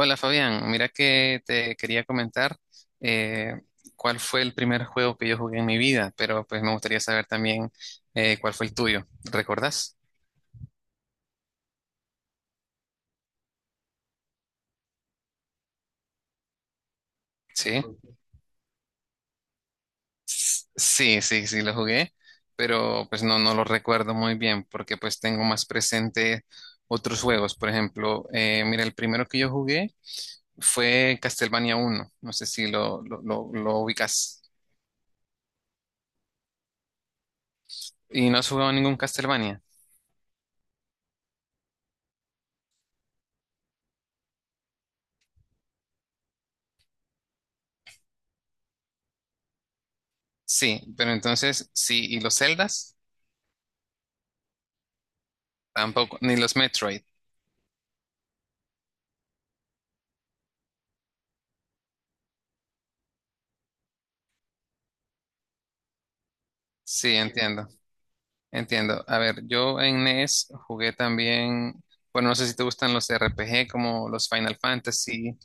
Hola Fabián, mira que te quería comentar eh, cuál fue el primer juego que yo jugué en mi vida, pero pues me gustaría saber también cuál fue el tuyo. ¿Recordás? Sí, sí, sí, sí lo jugué, pero pues no, no lo recuerdo muy bien porque pues tengo más presente otros juegos. Por ejemplo, mira, el primero que yo jugué fue Castlevania uno, no sé si lo ubicas. ¿Y no has jugado ningún Castlevania? Sí, pero entonces, sí, ¿y los Zeldas? Tampoco, ni los Metroid. Sí, entiendo, entiendo. A ver, yo en NES jugué también, bueno, no sé si te gustan los RPG como los Final Fantasy.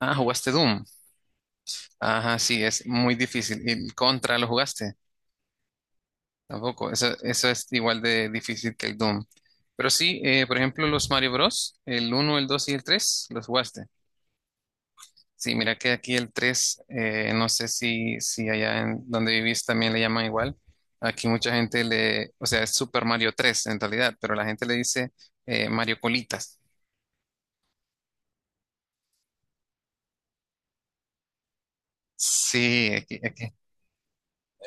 Ah, jugaste Doom. Ajá, sí, es muy difícil. ¿Y el Contra lo jugaste? Tampoco, eso es igual de difícil que el Doom. Pero sí, por ejemplo, los Mario Bros, el uno el 2 y el 3 los jugaste. Sí, mira que aquí el 3, no sé si allá en donde vivís también le llaman igual. Aquí mucha gente le, o sea, es Super Mario tres en realidad, pero la gente le dice Mario Colitas. Sí,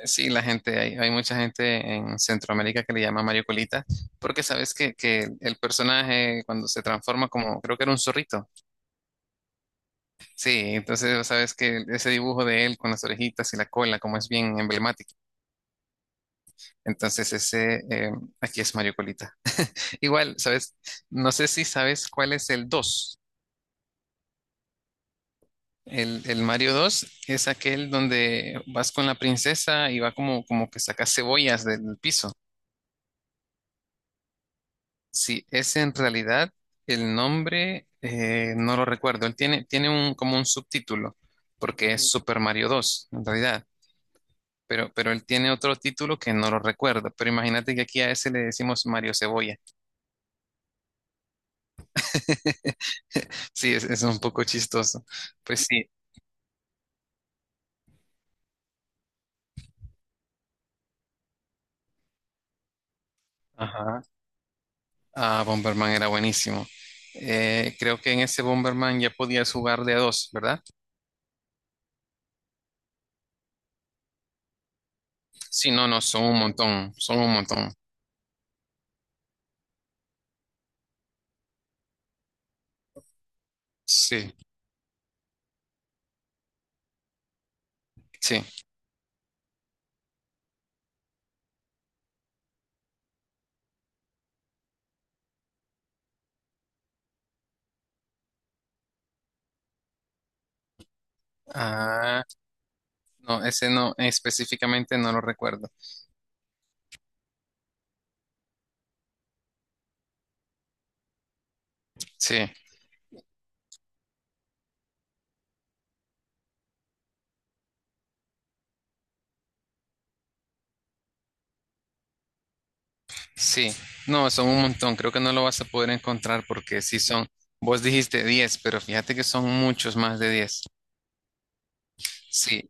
sí, la gente, hay mucha gente en Centroamérica que le llama Mario Colita, porque sabes que el personaje cuando se transforma como, creo que era un zorrito. Sí, entonces sabes que ese dibujo de él con las orejitas y la cola, como es bien emblemático. Entonces ese, aquí es Mario Colita. Igual, ¿sabes? No sé si sabes cuál es el dos. El Mario 2 es aquel donde vas con la princesa y va como que sacas cebollas del piso. Sí, ese en realidad el nombre no lo recuerdo. Él tiene un, como un subtítulo, porque es Super Mario dos en realidad. Pero él tiene otro título que no lo recuerdo. Pero imagínate que aquí a ese le decimos Mario Cebolla. Sí, es un poco chistoso. Pues sí. Ajá. Ah, Bomberman era buenísimo. Creo que en ese Bomberman ya podías jugar de a dos, ¿verdad? Sí, no, no, son un montón, son un montón. Sí, sí. Ah, no, ese no, específicamente no lo recuerdo. Sí, sí. No, son un montón. Creo que no lo vas a poder encontrar porque sí son. Vos dijiste 10, pero fíjate que son muchos más de 10. Sí.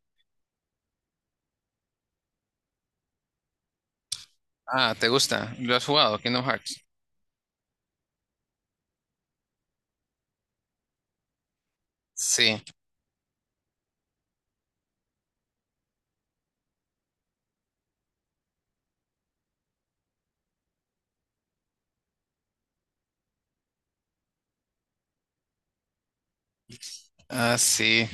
Ah, ¿te gusta? ¿Lo has jugado? Kingdom Hearts. Sí. Ah, sí,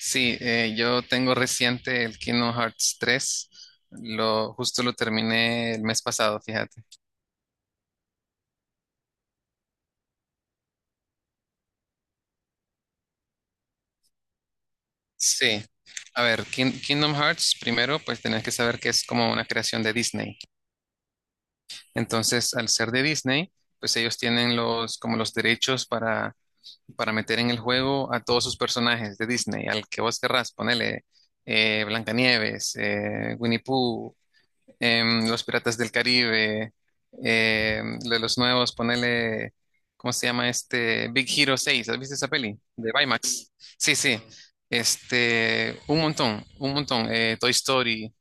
sí, yo tengo reciente el Kingdom Hearts 3, justo lo terminé el mes pasado, fíjate. Sí, a ver, Kingdom Hearts, primero, pues tenés que saber que es como una creación de Disney. Entonces, al ser de Disney, pues ellos tienen como los derechos para meter en el juego a todos sus personajes de Disney, al que vos querrás, ponele Blancanieves, Winnie Pooh, los Piratas del Caribe, de los nuevos, ponele, ¿cómo se llama este? Big Hero seis, ¿has visto esa peli? De Baymax. Sí, sí, este, un montón, Toy Story,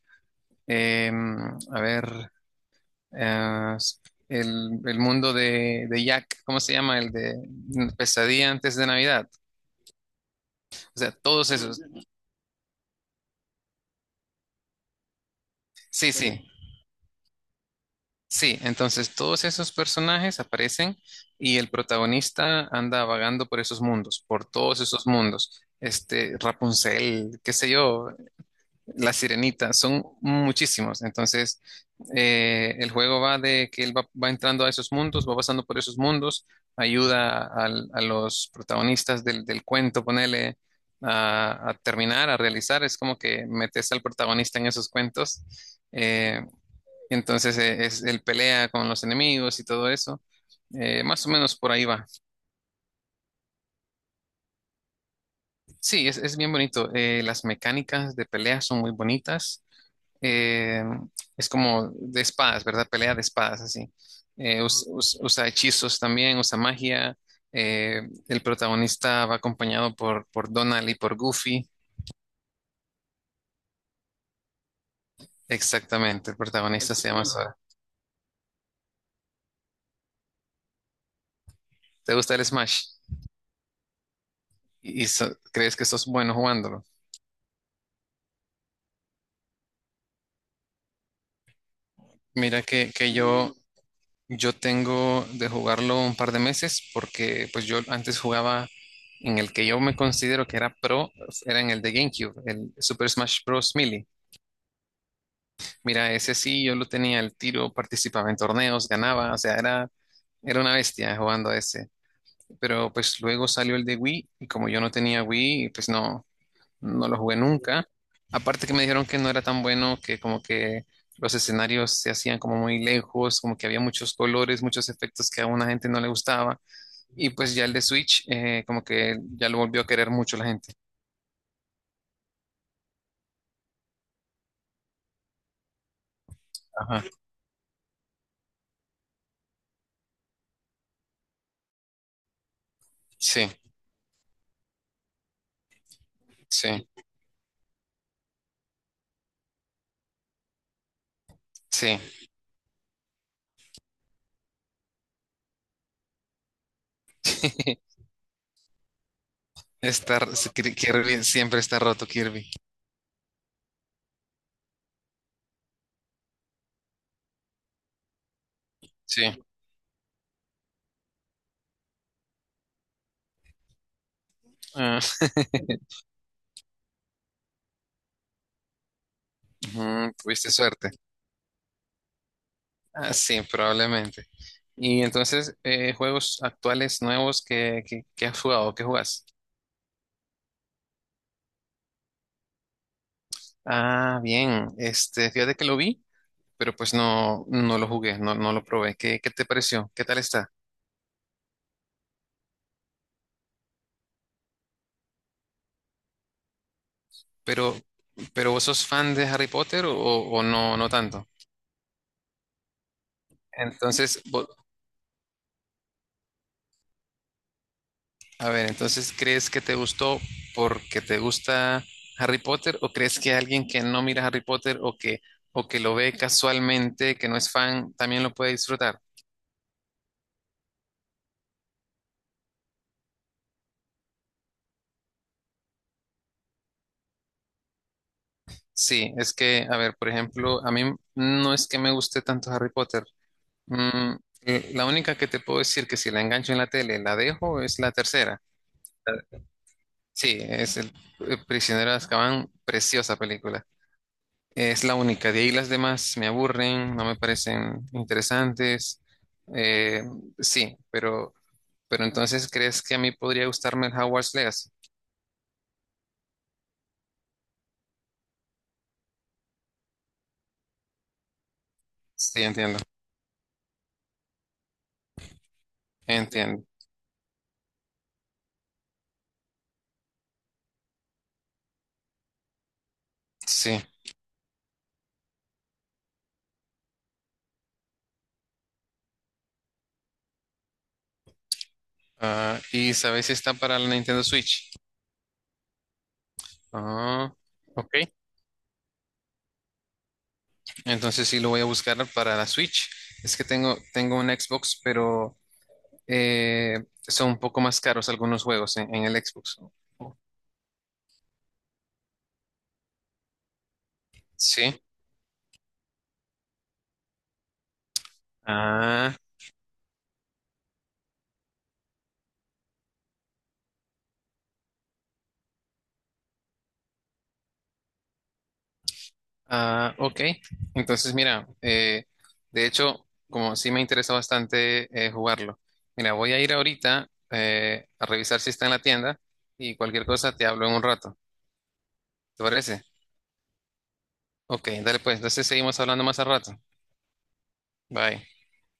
em, a ver, eh, el mundo de Jack, ¿cómo se llama? El de Pesadilla antes de Navidad, o sea, todos esos, sí, sí, sí, entonces todos esos personajes aparecen y el protagonista anda vagando por esos mundos, por todos esos mundos. Este, Rapunzel, qué sé yo, La Sirenita, son muchísimos. Entonces, el juego va de que él va, va entrando a esos mundos, va pasando por esos mundos, ayuda a los protagonistas del, del cuento, ponele a terminar, a realizar. Es como que metes al protagonista en esos cuentos. eh, entonces, el pelea con los enemigos y todo eso. Más o menos por ahí va. Sí, es bien bonito. Las mecánicas de pelea son muy bonitas. Eh, es como de espadas, ¿verdad? Pelea de espadas, así. Usa hechizos también, usa magia. Eh, el protagonista va acompañado por Donald y por Goofy. Exactamente, el protagonista se llama Sora. ¿Te gusta el Smash? ¿Y crees que sos bueno jugándolo? Mira que yo. Yo tengo de jugarlo un par de meses porque pues yo antes jugaba en el que yo me considero que era pro, era en el de GameCube, el Super Smash Bros. Melee. Mira, ese sí, yo lo tenía al tiro, participaba en torneos, ganaba, o sea, era una bestia jugando a ese. Pero pues luego salió el de Wii y como yo no tenía Wii, pues no, no lo jugué nunca. Aparte que me dijeron que no era tan bueno, que como que los escenarios se hacían como muy lejos, como que había muchos colores, muchos efectos que a una gente no le gustaba. Y pues ya el de Switch, como que ya lo volvió a querer mucho la gente. Ajá. Sí, sí, sí. Está, Kirby siempre está roto, Kirby. Sí. Ah, ujú, tuviste suerte. Ah, sí, probablemente. Y entonces, juegos actuales nuevos que has jugado, ¿qué jugas? Ah, bien. Este, fíjate que lo vi, pero pues no, no lo jugué, no, no lo probé. ¿Qué te pareció? ¿Qué tal está? Pero, pero ¿vos sos fan de Harry Potter o no, no tanto? Entonces, a ver, entonces, ¿crees que te gustó porque te gusta Harry Potter o crees que alguien que no mira Harry Potter o que lo ve casualmente, que no es fan, también lo puede disfrutar? Sí, es que, a ver, por ejemplo, a mí no es que me guste tanto Harry Potter. Mm, la única que te puedo decir que si la engancho en la tele, la dejo, es la tercera. La- Sí, es el Prisionero de Azkaban, preciosa película. Es la única. De ahí las demás me aburren, no me parecen interesantes. Eh, sí, pero entonces ¿crees que a mí podría gustarme el Hogwarts Legacy? Sí, entiendo. Entiendo. Sí. Ah, ¿y sabes si está para la Nintendo Switch? Ah, ok. Entonces sí lo voy a buscar para la Switch. Es que tengo un Xbox, pero son un poco más caros algunos juegos en el Xbox. Sí. Ah, ah, ok. Entonces, mira, de hecho, como sí me interesa bastante jugarlo. Mira, voy a ir ahorita a revisar si está en la tienda y cualquier cosa te hablo en un rato. ¿Te parece? Ok, dale pues. Entonces seguimos hablando más al rato. Bye.